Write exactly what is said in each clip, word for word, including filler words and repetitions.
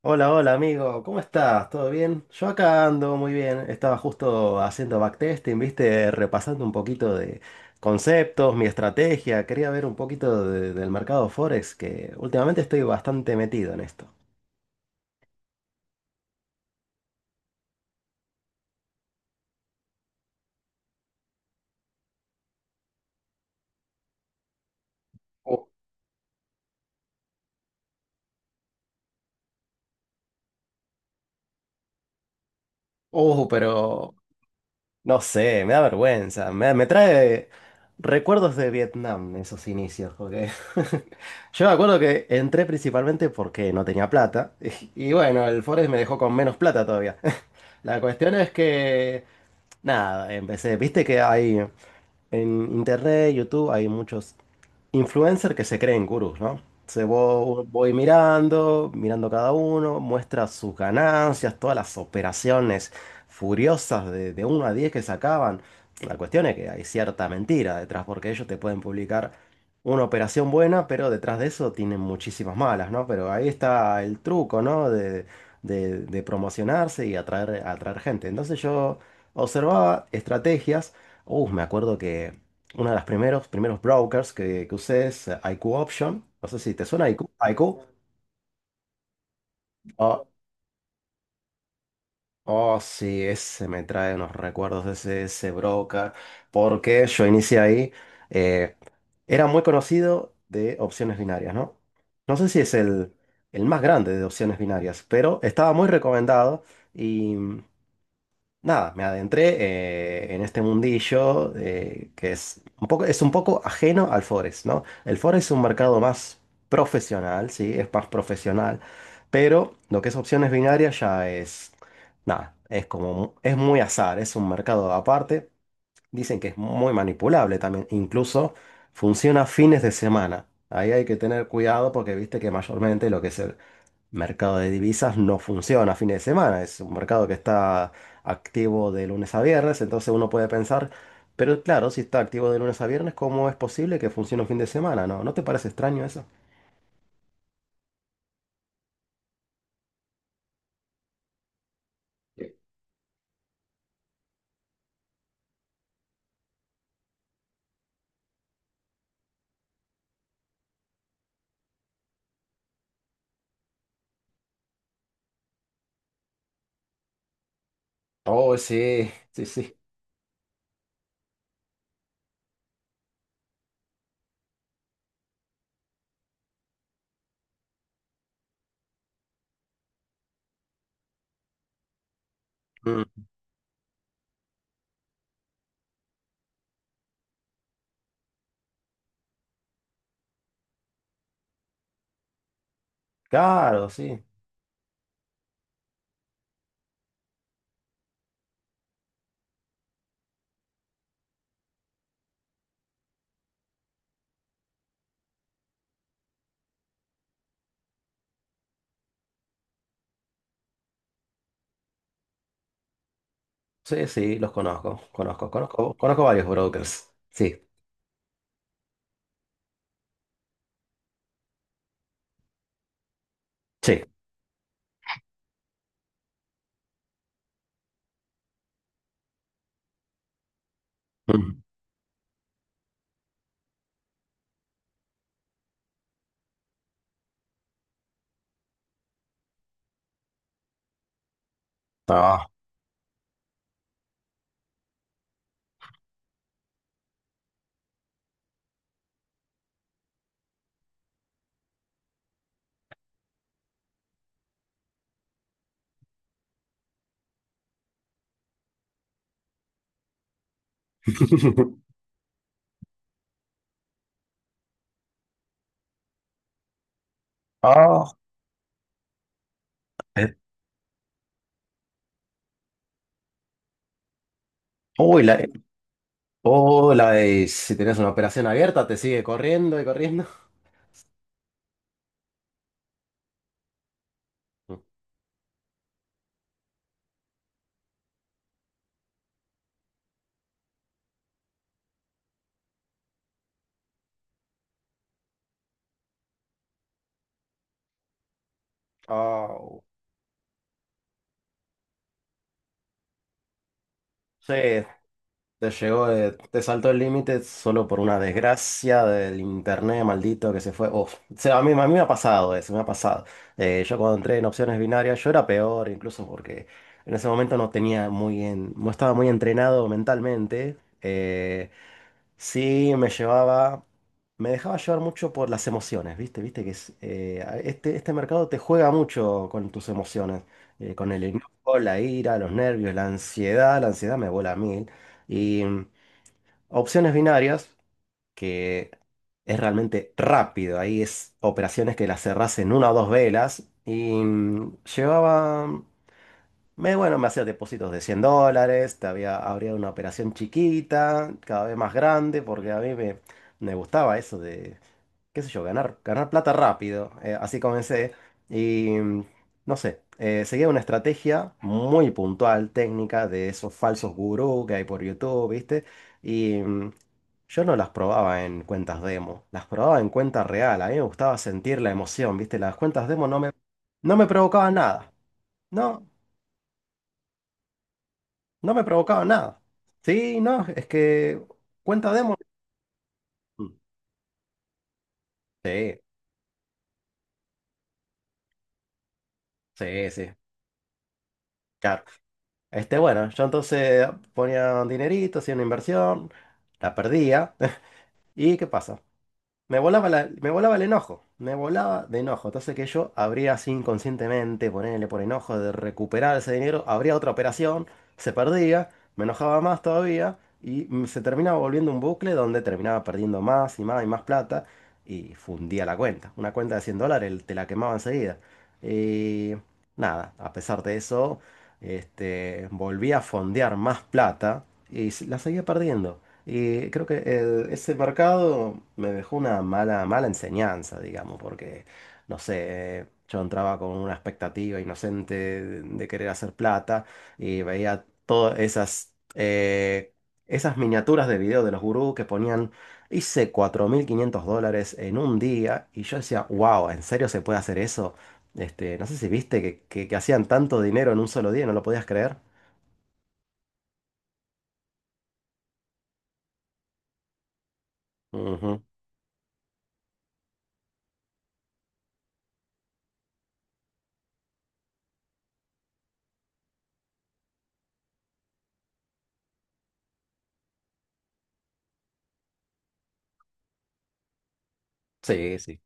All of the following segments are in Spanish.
Hola, hola amigo, ¿cómo estás? ¿Todo bien? Yo acá ando muy bien, estaba justo haciendo backtesting, viste, repasando un poquito de conceptos, mi estrategia, quería ver un poquito de- del mercado Forex, que últimamente estoy bastante metido en esto. Oh, oh, pero no sé, me da vergüenza. Me, me trae recuerdos de Vietnam, esos inicios, porque yo me acuerdo que entré principalmente porque no tenía plata. Y, y bueno, el Forex me dejó con menos plata todavía. La cuestión es que, nada, empecé, viste que hay. En internet, YouTube, hay muchos influencers que se creen gurús, ¿no? Se vo- voy mirando, mirando cada uno, muestra sus ganancias, todas las operaciones furiosas de, de uno a diez que sacaban. La cuestión es que hay cierta mentira detrás, porque ellos te pueden publicar una operación buena, pero detrás de eso tienen muchísimas malas, ¿no? Pero ahí está el truco, ¿no? De, de- de promocionarse y atraer, atraer gente. Entonces yo observaba estrategias. Uh, me acuerdo que uno de los primeros, primeros brokers que, que usé es eh, I Q Option. No sé si te suena I Q. I Q. Oh, oh, sí, ese me trae unos recuerdos de ese, ese broker. Porque yo inicié ahí. eh, Era muy conocido de opciones binarias, ¿no? No sé si es el, el más grande de opciones binarias, pero estaba muy recomendado. Y nada, me adentré eh, en este mundillo eh, que es un poco, es un poco ajeno al Forex, ¿no? El Forex es un mercado más profesional, sí, es más profesional, pero lo que es opciones binarias ya es, nada, es como, mu- es muy azar, es un mercado aparte. Dicen que es muy manipulable también, incluso funciona fines de semana. Ahí hay que tener cuidado porque viste que mayormente lo que es mercado de divisas no funciona a fin de semana, es un mercado que está activo de lunes a viernes, entonces uno puede pensar, pero claro, si está activo de lunes a viernes, ¿cómo es posible que funcione un fin de semana? ¿No? ¿No te parece extraño eso? Oh, sí, sí, sí. Mm, claro, sí, sí, sí, los conozco, conozco, conozco, conozco varios brokers, sí, sí. Mm. Ah. Ah, eh, uy, la, uy, la de- si tienes una operación abierta, te sigue corriendo y corriendo. Mm. Oh, sí, te llegó, de- te saltó el límite solo por una desgracia del internet maldito que se fue. Uf. O sea, a mí, a mí me ha pasado eso, me ha pasado. Eh, yo cuando entré en opciones binarias, yo era peor, incluso porque en ese momento no tenía muy en, no estaba muy entrenado mentalmente. Eh, Sí, me llevaba, me dejaba llevar mucho por las emociones, ¿viste? Viste que es, eh, a- este, este mercado te juega mucho con tus emociones, eh, con el enojo, la ira, los nervios, la ansiedad, la ansiedad me vuela a mí. Y mm, opciones binarias, que es realmente rápido. Ahí es operaciones que las cerrás en una o dos velas. Y mm, llevaba, me, bueno, me hacía depósitos de cien dólares. Te había, habría una operación chiquita, cada vez más grande, porque a mí me, me gustaba eso qué sé yo, ganar, ganar plata rápido. Eh, así comencé. Y mm, no sé, eh, seguía una estrategia muy puntual, técnica, de esos falsos gurú que hay por YouTube, ¿viste? Y mm, yo no las probaba en cuentas demo, las probaba en cuenta real. A mí me gustaba sentir la emoción, ¿viste? Las cuentas demo no me, no me provocaban nada. No, no me provocaban nada. Sí, no, es que cuenta demo. Mm, sí, sí, sí. Claro. Este, bueno, yo entonces ponía un dinerito, hacía una inversión, la perdía. ¿Y qué pasa? Me volaba, la- me volaba el enojo, me volaba de enojo. Entonces que yo habría así inconscientemente, ponerle por enojo de recuperar ese dinero, habría otra operación, se perdía, me enojaba más todavía y mm, se terminaba volviendo un bucle donde terminaba perdiendo más y más y más plata y fundía la cuenta. Una cuenta de cien dólares el- te la quemaba enseguida. Y nada, a pesar de eso, este, volví a fondear más plata y s- la seguía perdiendo. Y creo que eh, ese mercado me dejó una mala, mala enseñanza, digamos, porque, no sé, yo entraba con una expectativa inocente de, de querer hacer plata y veía todas esas, eh, esas miniaturas de video de los gurús que ponían, hice cuatro mil quinientos dólares en un día y yo decía, wow, ¿en serio se puede hacer eso? Este, no sé si viste que, que- que hacían tanto dinero en un solo día, ¿no lo podías creer? Ujú. Sí, sí.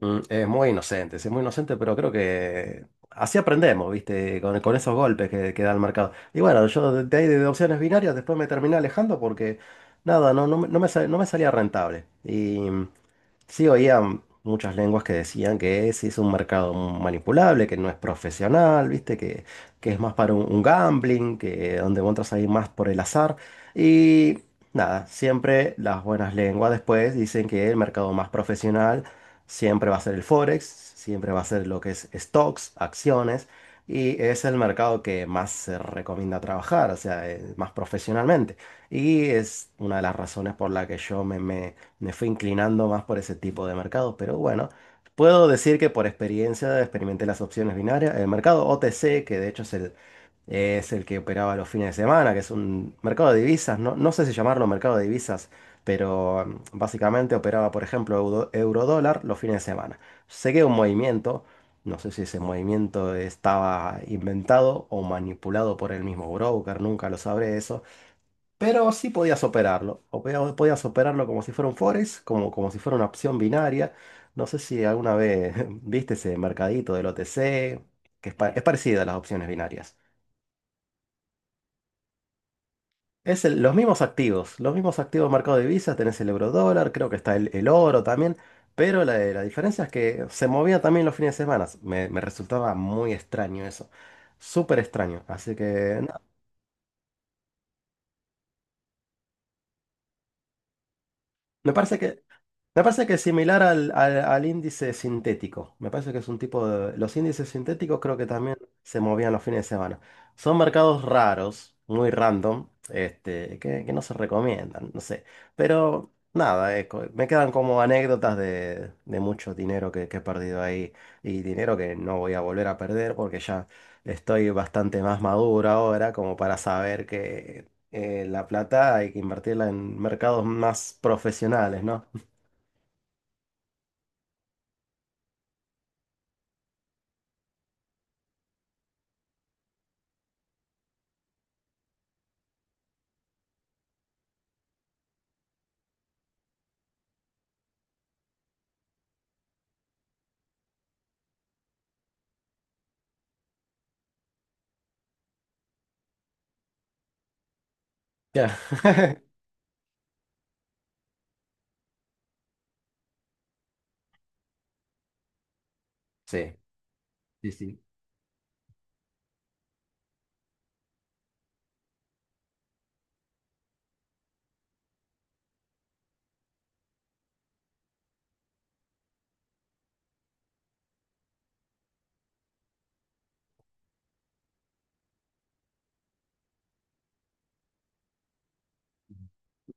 Mm, es muy inocente, sí, es muy inocente, pero creo que así aprendemos, ¿viste? Con, con esos golpes que, que da el mercado. Y bueno, yo de, de ahí de opciones binarias después me terminé alejando porque nada, no, no, me no me sa- no me salía rentable. Y sí, oía muchas lenguas que decían que ese es un mercado manipulable, que no es profesional, ¿viste? Que, que es más para un, un gambling, que donde vos entras ahí más por el azar. Y nada, siempre las buenas lenguas después dicen que el mercado más profesional siempre va a ser el Forex, siempre va a ser lo que es stocks, acciones, y es el mercado que más se recomienda trabajar, o sea, eh, más profesionalmente. Y es una de las razones por la que yo me... me me fui inclinando más por ese tipo de mercado, pero bueno, puedo decir que por experiencia experimenté las opciones binarias, el mercado O T C, que de hecho es el, es el que operaba los fines de semana, que es un mercado de divisas, no, no sé si llamarlo mercado de divisas, pero mm, básicamente operaba, por ejemplo, euro, eurodólar los fines de semana. Seguí un movimiento, no sé si ese movimiento estaba inventado o manipulado por el mismo broker, nunca lo sabré eso, pero sí podías operarlo, o podía- podías operarlo como si fuera un forex, como, como si fuera una opción binaria. No sé si alguna vez viste ese mercadito del O T C, que es, pa- es parecida a las opciones binarias. Es el- los mismos activos, los mismos activos mercado de divisas, tenés el euro dólar, creo que está el, el oro también, pero la, la diferencia es que se movía también los fines de semana. Me, me resultaba muy extraño eso, súper extraño. Así que no, me parece que... me parece que es similar al, al- al índice sintético. Me parece que es un tipo de... Los índices sintéticos creo que también se movían los fines de semana. Son mercados raros, muy random, este, que, que no se recomiendan, no sé. Pero nada, eh, co- me quedan como anécdotas de, de mucho dinero que, que he perdido ahí y dinero que no voy a volver a perder porque ya estoy bastante más maduro ahora como para saber que eh, la plata hay que invertirla en mercados más profesionales, ¿no? Ya. Sí, sí, sí.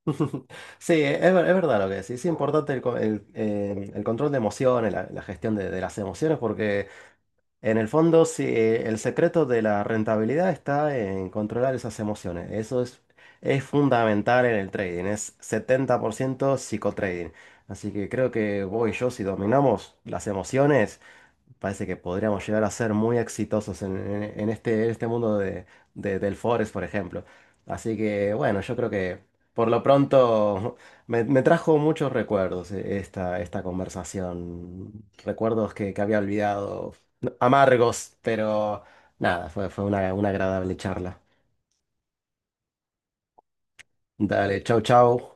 Sí, es, ver- es verdad lo que decís. Es importante el, co- el, eh, el control de emociones, la, la gestión de, de las emociones, porque en el fondo sí, eh, el secreto de la rentabilidad está en controlar esas emociones. Eso es, es fundamental en el trading. Es setenta por ciento psicotrading. Así que creo que vos y yo, si dominamos las emociones, parece que podríamos llegar a ser muy exitosos en, en- en este, en este mundo de, de- del Forest, por ejemplo. Así que bueno, yo creo que por lo pronto me, me trajo muchos recuerdos eh, esta, esta conversación. Recuerdos que, que había olvidado, no, amargos, pero nada, fue, fue una, una agradable charla. Dale, chau, chau.